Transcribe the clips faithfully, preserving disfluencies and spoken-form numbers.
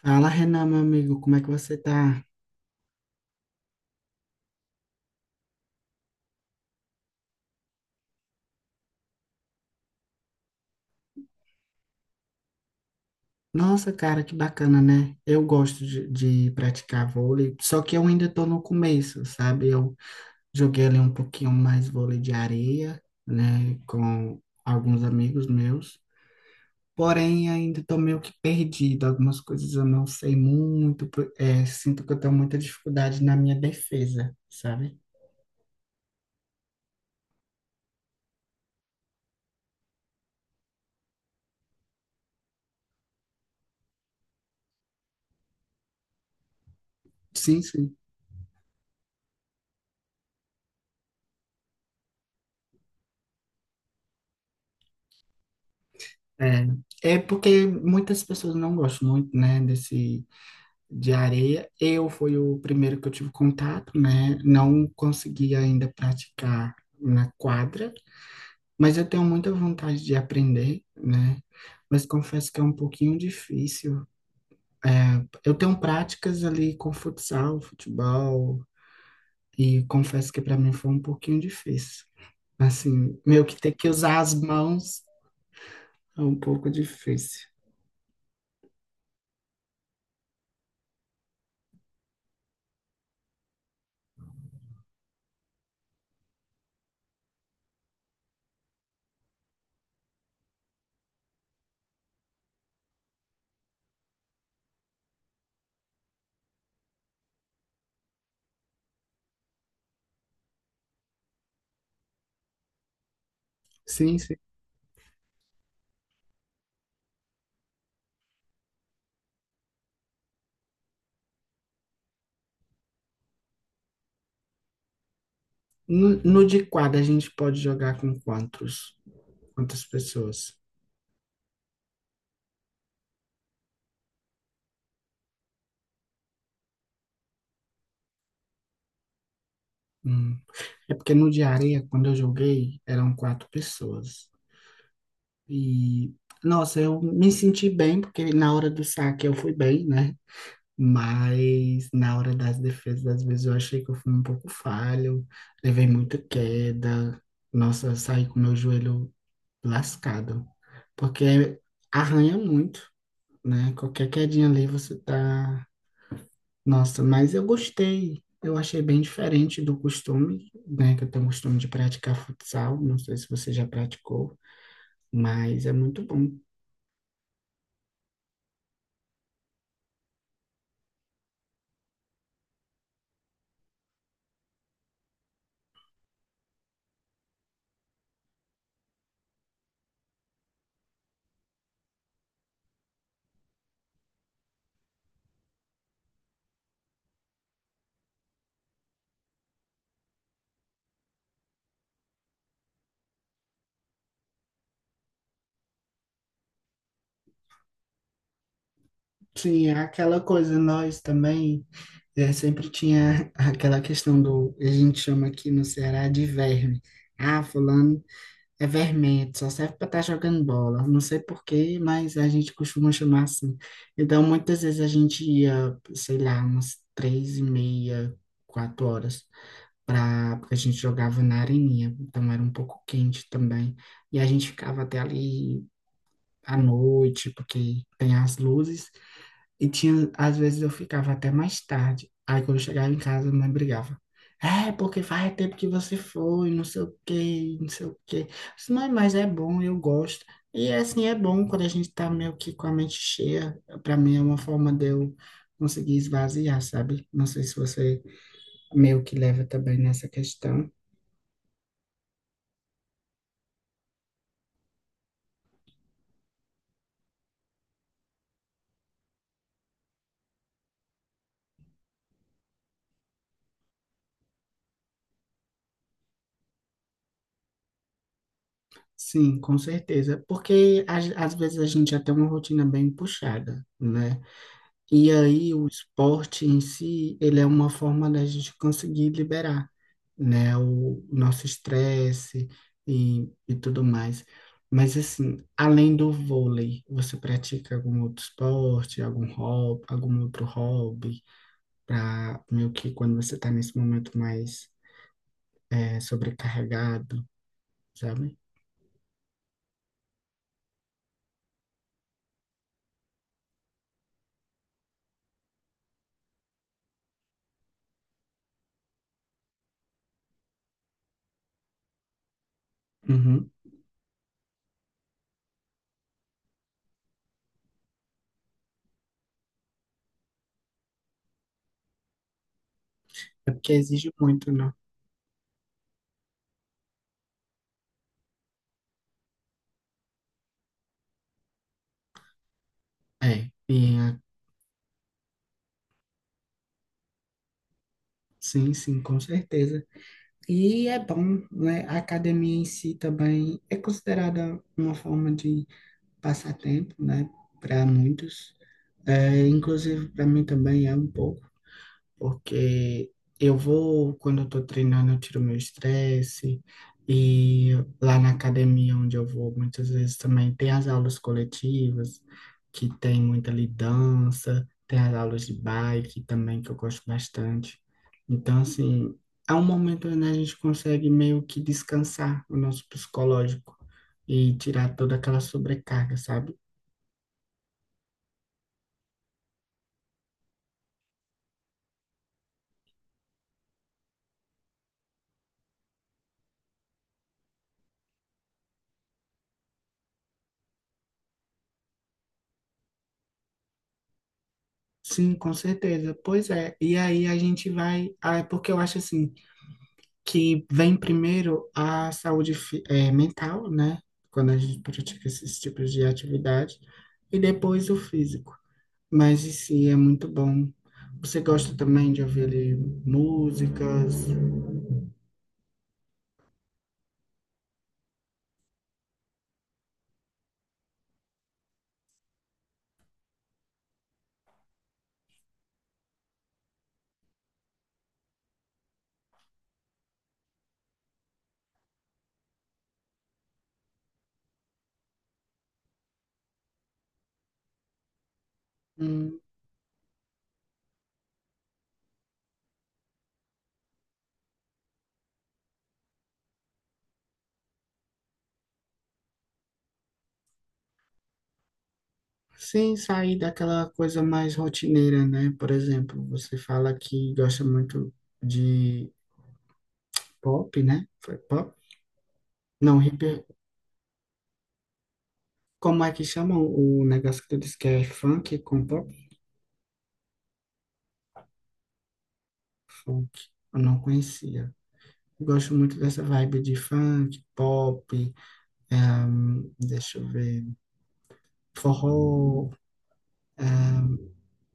Fala, Renan, meu amigo, como é que você tá? Nossa, cara, que bacana, né? Eu gosto de, de praticar vôlei, só que eu ainda tô no começo, sabe? Eu joguei ali um pouquinho mais vôlei de areia, né, com alguns amigos meus, porém ainda tô meio que perdido, algumas coisas eu não sei muito, pro- é, sinto que eu tenho muita dificuldade na minha defesa, sabe? Sim, sim. É, é porque muitas pessoas não gostam muito, né, desse de areia. Eu fui o primeiro que eu tive contato, né? Não consegui ainda praticar na quadra, mas eu tenho muita vontade de aprender, né? Mas confesso que é um pouquinho difícil. É, eu tenho práticas ali com futsal, futebol, e confesso que para mim foi um pouquinho difícil. Assim, meio que ter que usar as mãos é um pouco difícil. Sim, sim. No, no de quadra, a gente pode jogar com quantos? Quantas pessoas? Hum. É porque no de areia, quando eu joguei, eram quatro pessoas. E, nossa, eu me senti bem, porque na hora do saque eu fui bem, né? Mas na hora das defesas, às vezes eu achei que eu fui um pouco falho, levei muita queda. Nossa, eu saí com meu joelho lascado, porque arranha muito, né? Qualquer quedinha ali você tá nossa, mas eu gostei. Eu achei bem diferente do costume, né? Que eu tenho o costume de praticar futsal. Não sei se você já praticou, mas é muito bom. Sim, é aquela coisa, nós também é, sempre tinha aquela questão do, a gente chama aqui no Ceará de verme. Ah, fulano é vermelho, só serve para estar jogando bola. Não sei por quê, mas a gente costuma chamar assim. Então, muitas vezes a gente ia, sei lá, umas três e meia, quatro horas pra, porque a gente jogava na areninha, então era um pouco quente também. E a gente ficava até ali à noite, porque tem as luzes, e tinha, às vezes eu ficava até mais tarde. Aí quando eu chegava em casa, a mãe brigava. É, porque faz tempo que você foi, não sei o quê, não sei o quê. Eu disse, mãe, mas é bom, eu gosto. E assim, é bom quando a gente tá meio que com a mente cheia. Pra mim é uma forma de eu conseguir esvaziar, sabe? Não sei se você meio que leva também nessa questão. Sim, com certeza. Porque às, às vezes a gente já tem uma rotina bem puxada, né? E aí o esporte em si, ele é uma forma da gente conseguir liberar, né? O, nosso estresse e, e tudo mais. Mas assim, além do vôlei, você pratica algum outro esporte, algum hobby, algum outro hobby, para meio que quando você está nesse momento mais eh, sobrecarregado, sabe? Uhum. É porque exige muito, né? É, e a- sim, sim, com certeza. E é bom, né? A academia em si também é considerada uma forma de passatempo, né? Para muitos. É, inclusive, para mim também é um pouco. Porque eu vou, quando eu tô treinando, eu tiro meu estresse. E lá na academia onde eu vou, muitas vezes também tem as aulas coletivas, que tem muita lidança, tem as aulas de bike também, que eu gosto bastante. Então, assim, é um momento onde a gente consegue meio que descansar o nosso psicológico e tirar toda aquela sobrecarga, sabe? Sim, com certeza. Pois é. E aí a gente vai. Ah, é porque eu acho assim. Que vem primeiro a saúde fi- eh, mental, né? Quando a gente pratica esses tipos de atividade, e depois o físico. Mas em si é muito bom. Você gosta também de ouvir ali, músicas? Hum, Sem sair daquela coisa mais rotineira, né? Por exemplo, você fala que gosta muito de pop, né? Foi pop? Não, hip. Como é que chama o o negócio que tu disse que é funk com pop? Funk. Eu não conhecia. Eu gosto muito dessa vibe de funk, pop, ahn, deixa eu ver, forró,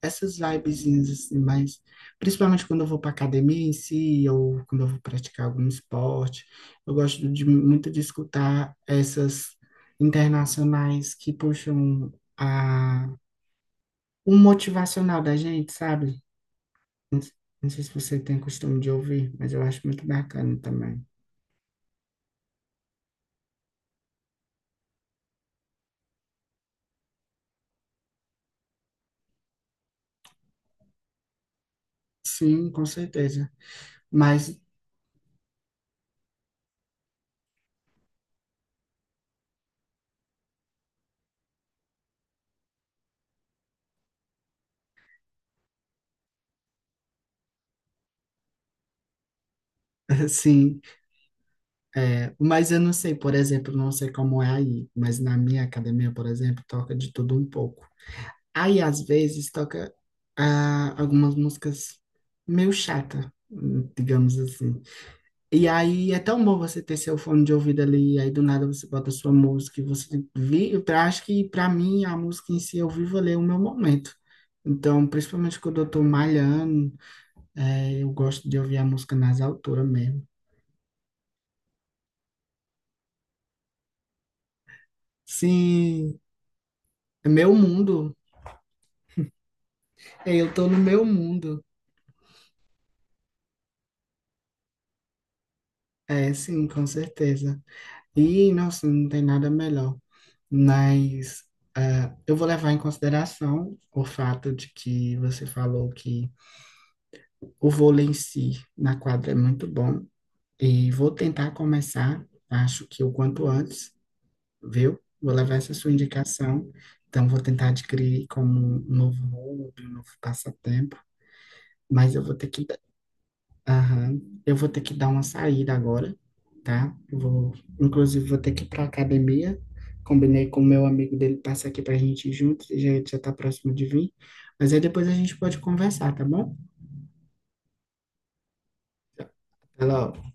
essas vibezinhas assim, mas principalmente quando eu vou para academia em si, ou quando eu vou praticar algum esporte, eu gosto de, muito de escutar essas internacionais que puxam a, o motivacional da gente, sabe? Não, não sei se você tem costume de ouvir, mas eu acho muito bacana também. Sim, com certeza. Mas, assim, é, mas eu não sei, por exemplo, não sei como é aí, mas na minha academia, por exemplo, toca de tudo um pouco. Aí, às vezes, toca ah, algumas músicas meio chata, hum, digamos assim. E aí é tão bom você ter seu fone de ouvido ali, aí do nada você bota sua música e você vive. Eu acho que, para mim, a música em si, eu vivo ali o meu momento. Então, principalmente quando eu tô malhando, é, eu gosto de ouvir a música nas alturas mesmo. Sim, é meu mundo. É, eu tô no meu mundo. É, sim, com certeza. E, nossa, não tem nada melhor. Mas ah, eu vou levar em consideração o fato de que você falou que o vôlei em si na quadra é muito bom. E vou tentar começar, acho que o quanto antes, viu? Vou levar essa sua indicação. Então, vou tentar adquirir como um novo hobby, um novo passatempo. Mas eu vou ter que... Aham. Eu vou ter que dar uma saída agora, tá? Eu vou, inclusive, vou ter que ir para academia. Combinei com o meu amigo dele passar aqui para a gente ir junto, já já tá próximo de vir. Mas aí depois a gente pode conversar, tá bom? Até logo.